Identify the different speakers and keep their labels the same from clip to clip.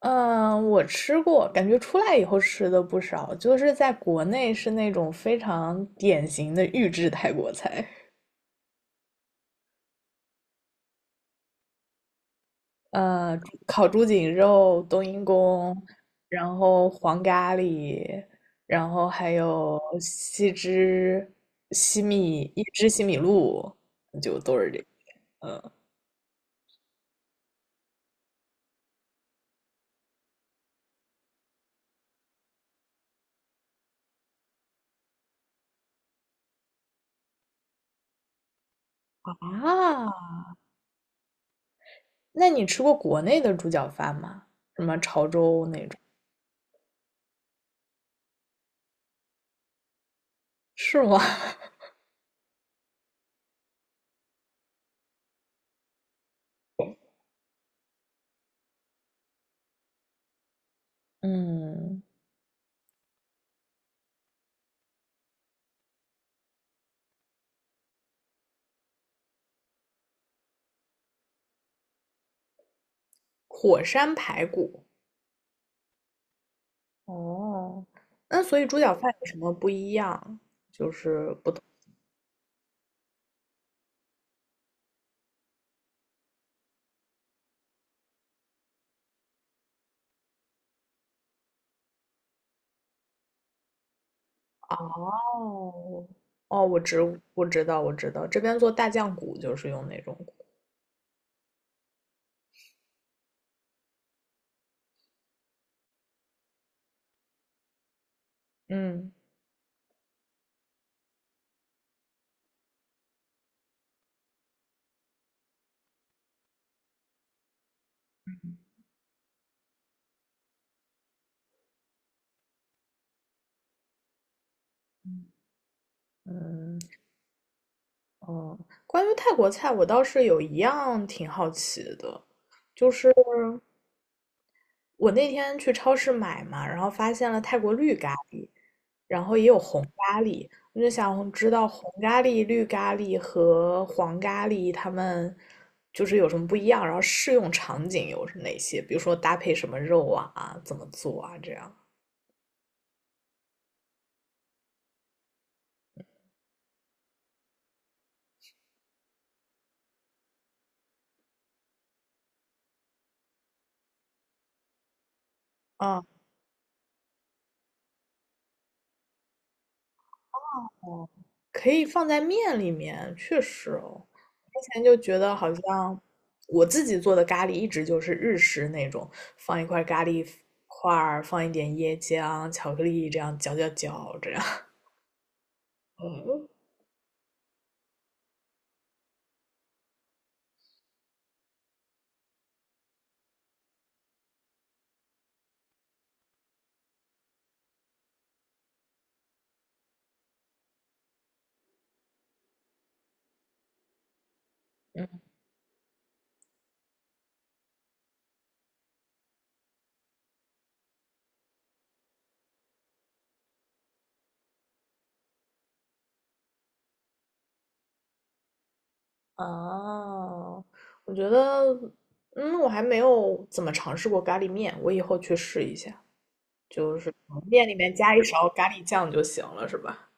Speaker 1: 嗯，我吃过，感觉出来以后吃的不少，就是在国内是那种非常典型的预制泰国菜。猪烤猪颈肉、冬阴功，然后黄咖喱，然后还有西汁西米一汁西米露，就都是这个。嗯。啊，那你吃过国内的猪脚饭吗？什么潮州那种？是吗？嗯，火山排骨。哦，那所以猪脚饭有什么不一样？就是不同。哦。哦，我知道我知道，这边做大酱骨就是用那种骨。嗯嗯。哦，关于泰国菜，我倒是有一样挺好奇的，就是我那天去超市买嘛，然后发现了泰国绿咖喱，然后也有红咖喱。我就想知道红咖喱、绿咖喱和黄咖喱它们就是有什么不一样，然后适用场景有哪些？比如说搭配什么肉啊，怎么做啊，这样。啊。哦，可以放在面里面，确实哦。之前就觉得好像我自己做的咖喱一直就是日式那种，放一块咖喱块儿，放一点椰浆、巧克力，这样搅搅搅，这样。嗯。哦，我觉得，嗯，我还没有怎么尝试过咖喱面，我以后去试一下，就是面里面加一勺咖喱酱就行了，是吧？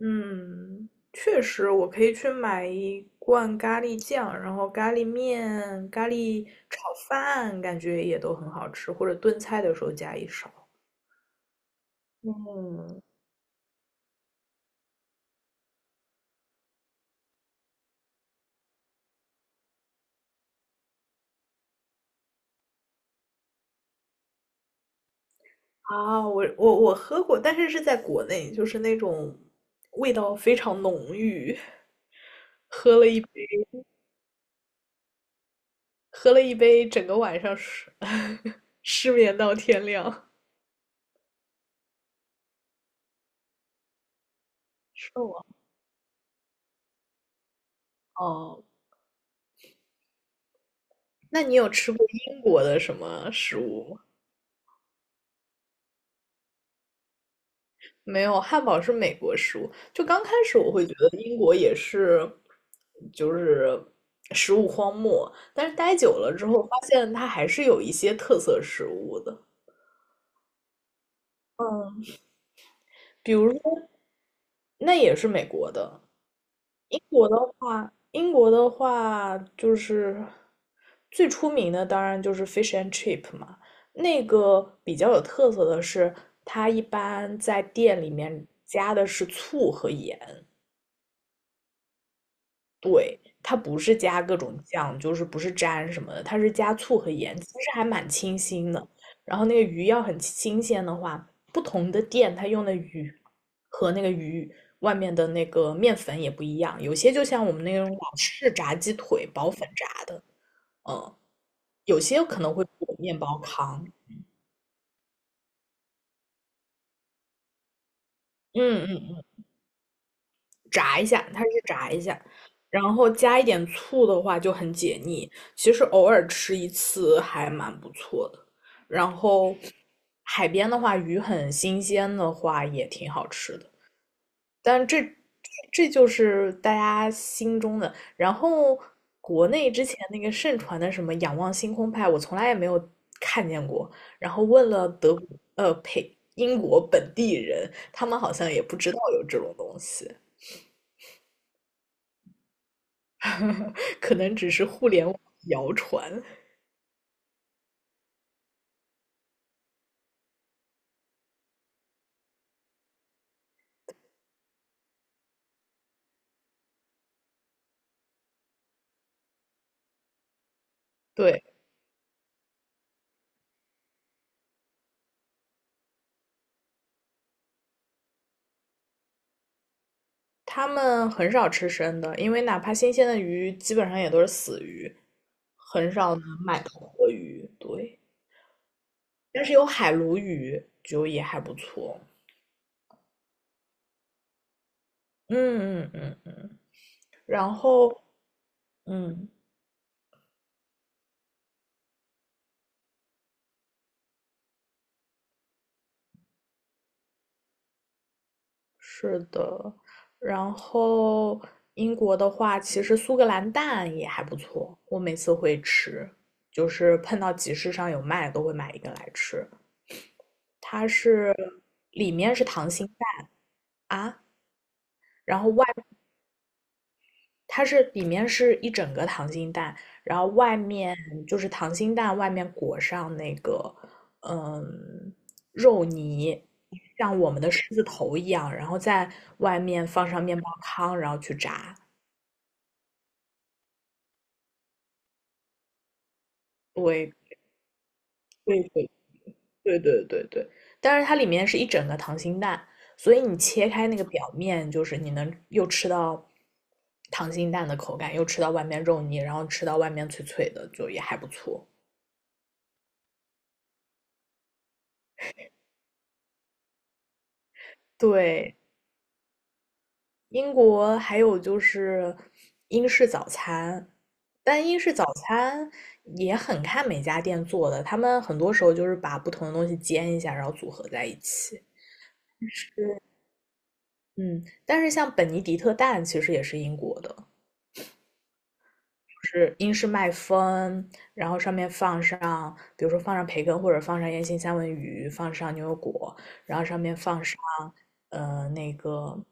Speaker 1: 嗯，确实，我可以去买一罐咖喱酱，然后咖喱面、咖喱炒饭，感觉也都很好吃，或者炖菜的时候加一勺。嗯。啊，我喝过，但是是在国内，就是那种味道非常浓郁，喝了一杯。喝了一杯，整个晚上失 失眠到天亮。是我。哦，那你有吃过英国的什么食物吗？没有，汉堡是美国食物。就刚开始我会觉得英国也是，就是食物荒漠，但是待久了之后，发现它还是有一些特色食物的。嗯，比如说，那也是美国的。英国的话，英国的话就是最出名的，当然就是 fish and chip 嘛。那个比较有特色的是，它一般在店里面加的是醋和盐，它不是加各种酱，就是不是沾什么的，它是加醋和盐，其实还蛮清新的。然后那个鱼要很新鲜的话，不同的店它用的鱼和那个鱼外面的那个面粉也不一样，有些就像我们那种老式炸鸡腿薄粉炸的。嗯，有些可能会裹面包糠。嗯嗯。炸一下，它是炸一下，然后加一点醋的话就很解腻。其实偶尔吃一次还蛮不错的。然后海边的话，鱼很新鲜的话也挺好吃的。但这这就是大家心中的。然后国内之前那个盛传的什么仰望星空派，我从来也没有看见过。然后问了德国，英国本地人，他们好像也不知道有这种东西。可能只是互联网谣传。对，他们很少吃生的，因为哪怕新鲜的鱼，基本上也都是死鱼，很少能买到活鱼。对，但是有海鲈鱼，就也还不错。嗯嗯嗯嗯，然后嗯，是的。然后英国的话，其实苏格兰蛋也还不错，我每次会吃，就是碰到集市上有卖都会买一个来吃。它是里面是溏心蛋。啊，然后外它是里面是一整个溏心蛋，然后外面就是溏心蛋外面裹上那个嗯肉泥，像我们的狮子头一样，然后在外面放上面包糠，然后去炸。对对对对，但是它里面是一整个溏心蛋，所以你切开那个表面，就是你能又吃到溏心蛋的口感，又吃到外面肉泥，然后吃到外面脆脆的，就也还不错。对，英国还有就是英式早餐。但英式早餐也很看每家店做的，他们很多时候就是把不同的东西煎一下，然后组合在一起。嗯，但是像本尼迪特蛋其实也是英国的，是英式麦风，然后上面放上，比如说放上培根或者放上烟熏三文鱼，放上牛油果，然后上面放上那个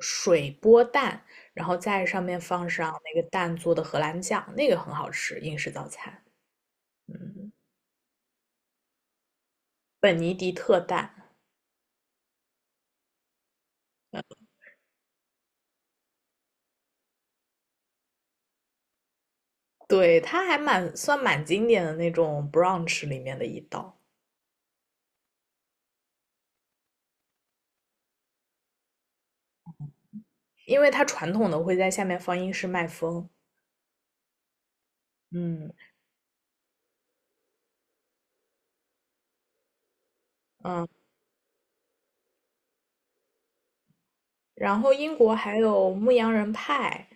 Speaker 1: 水波蛋，然后再上面放上那个蛋做的荷兰酱，那个很好吃，英式早餐。嗯，本尼迪特蛋，对，它还蛮算蛮经典的那种 brunch 里面的一道，因为它传统的会在下面放英式麦风。嗯嗯。然后英国还有牧羊人派，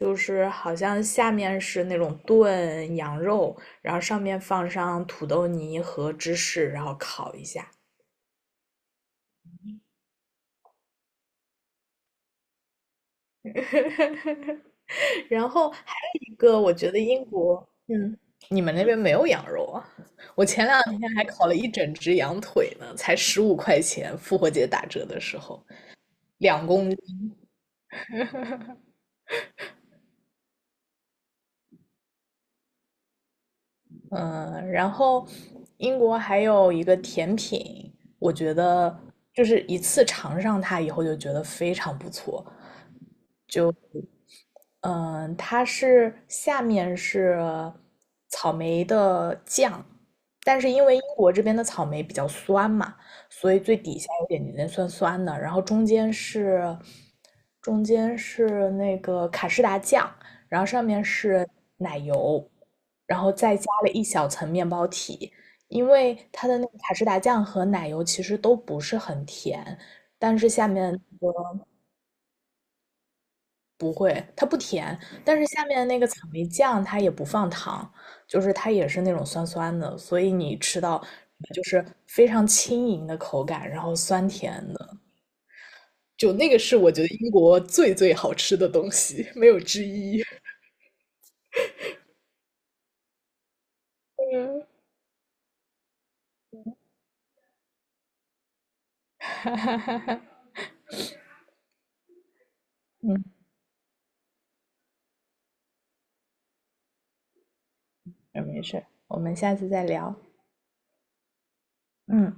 Speaker 1: 就是好像下面是那种炖羊肉，然后上面放上土豆泥和芝士，然后烤一下。然后还有一个，我觉得英国，嗯，你们那边没有羊肉啊？我前两天还烤了一整只羊腿呢，才15块钱，复活节打折的时候，两公。嗯，然后英国还有一个甜品，我觉得就是一次尝上它以后就觉得非常不错，嗯，它是下面是草莓的酱，但是因为英国这边的草莓比较酸嘛，所以最底下有点点酸酸的，然后中间是中间是那个卡士达酱，然后上面是奶油，然后再加了一小层面包体，因为它的那个卡士达酱和奶油其实都不是很甜，但是下面那不会，它不甜，但是下面那个草莓酱它也不放糖，就是它也是那种酸酸的，所以你吃到就是非常轻盈的口感，然后酸甜的。就那个是我觉得英国最最好吃的东西，没有之一。嗯，没事，我们下次再聊。嗯。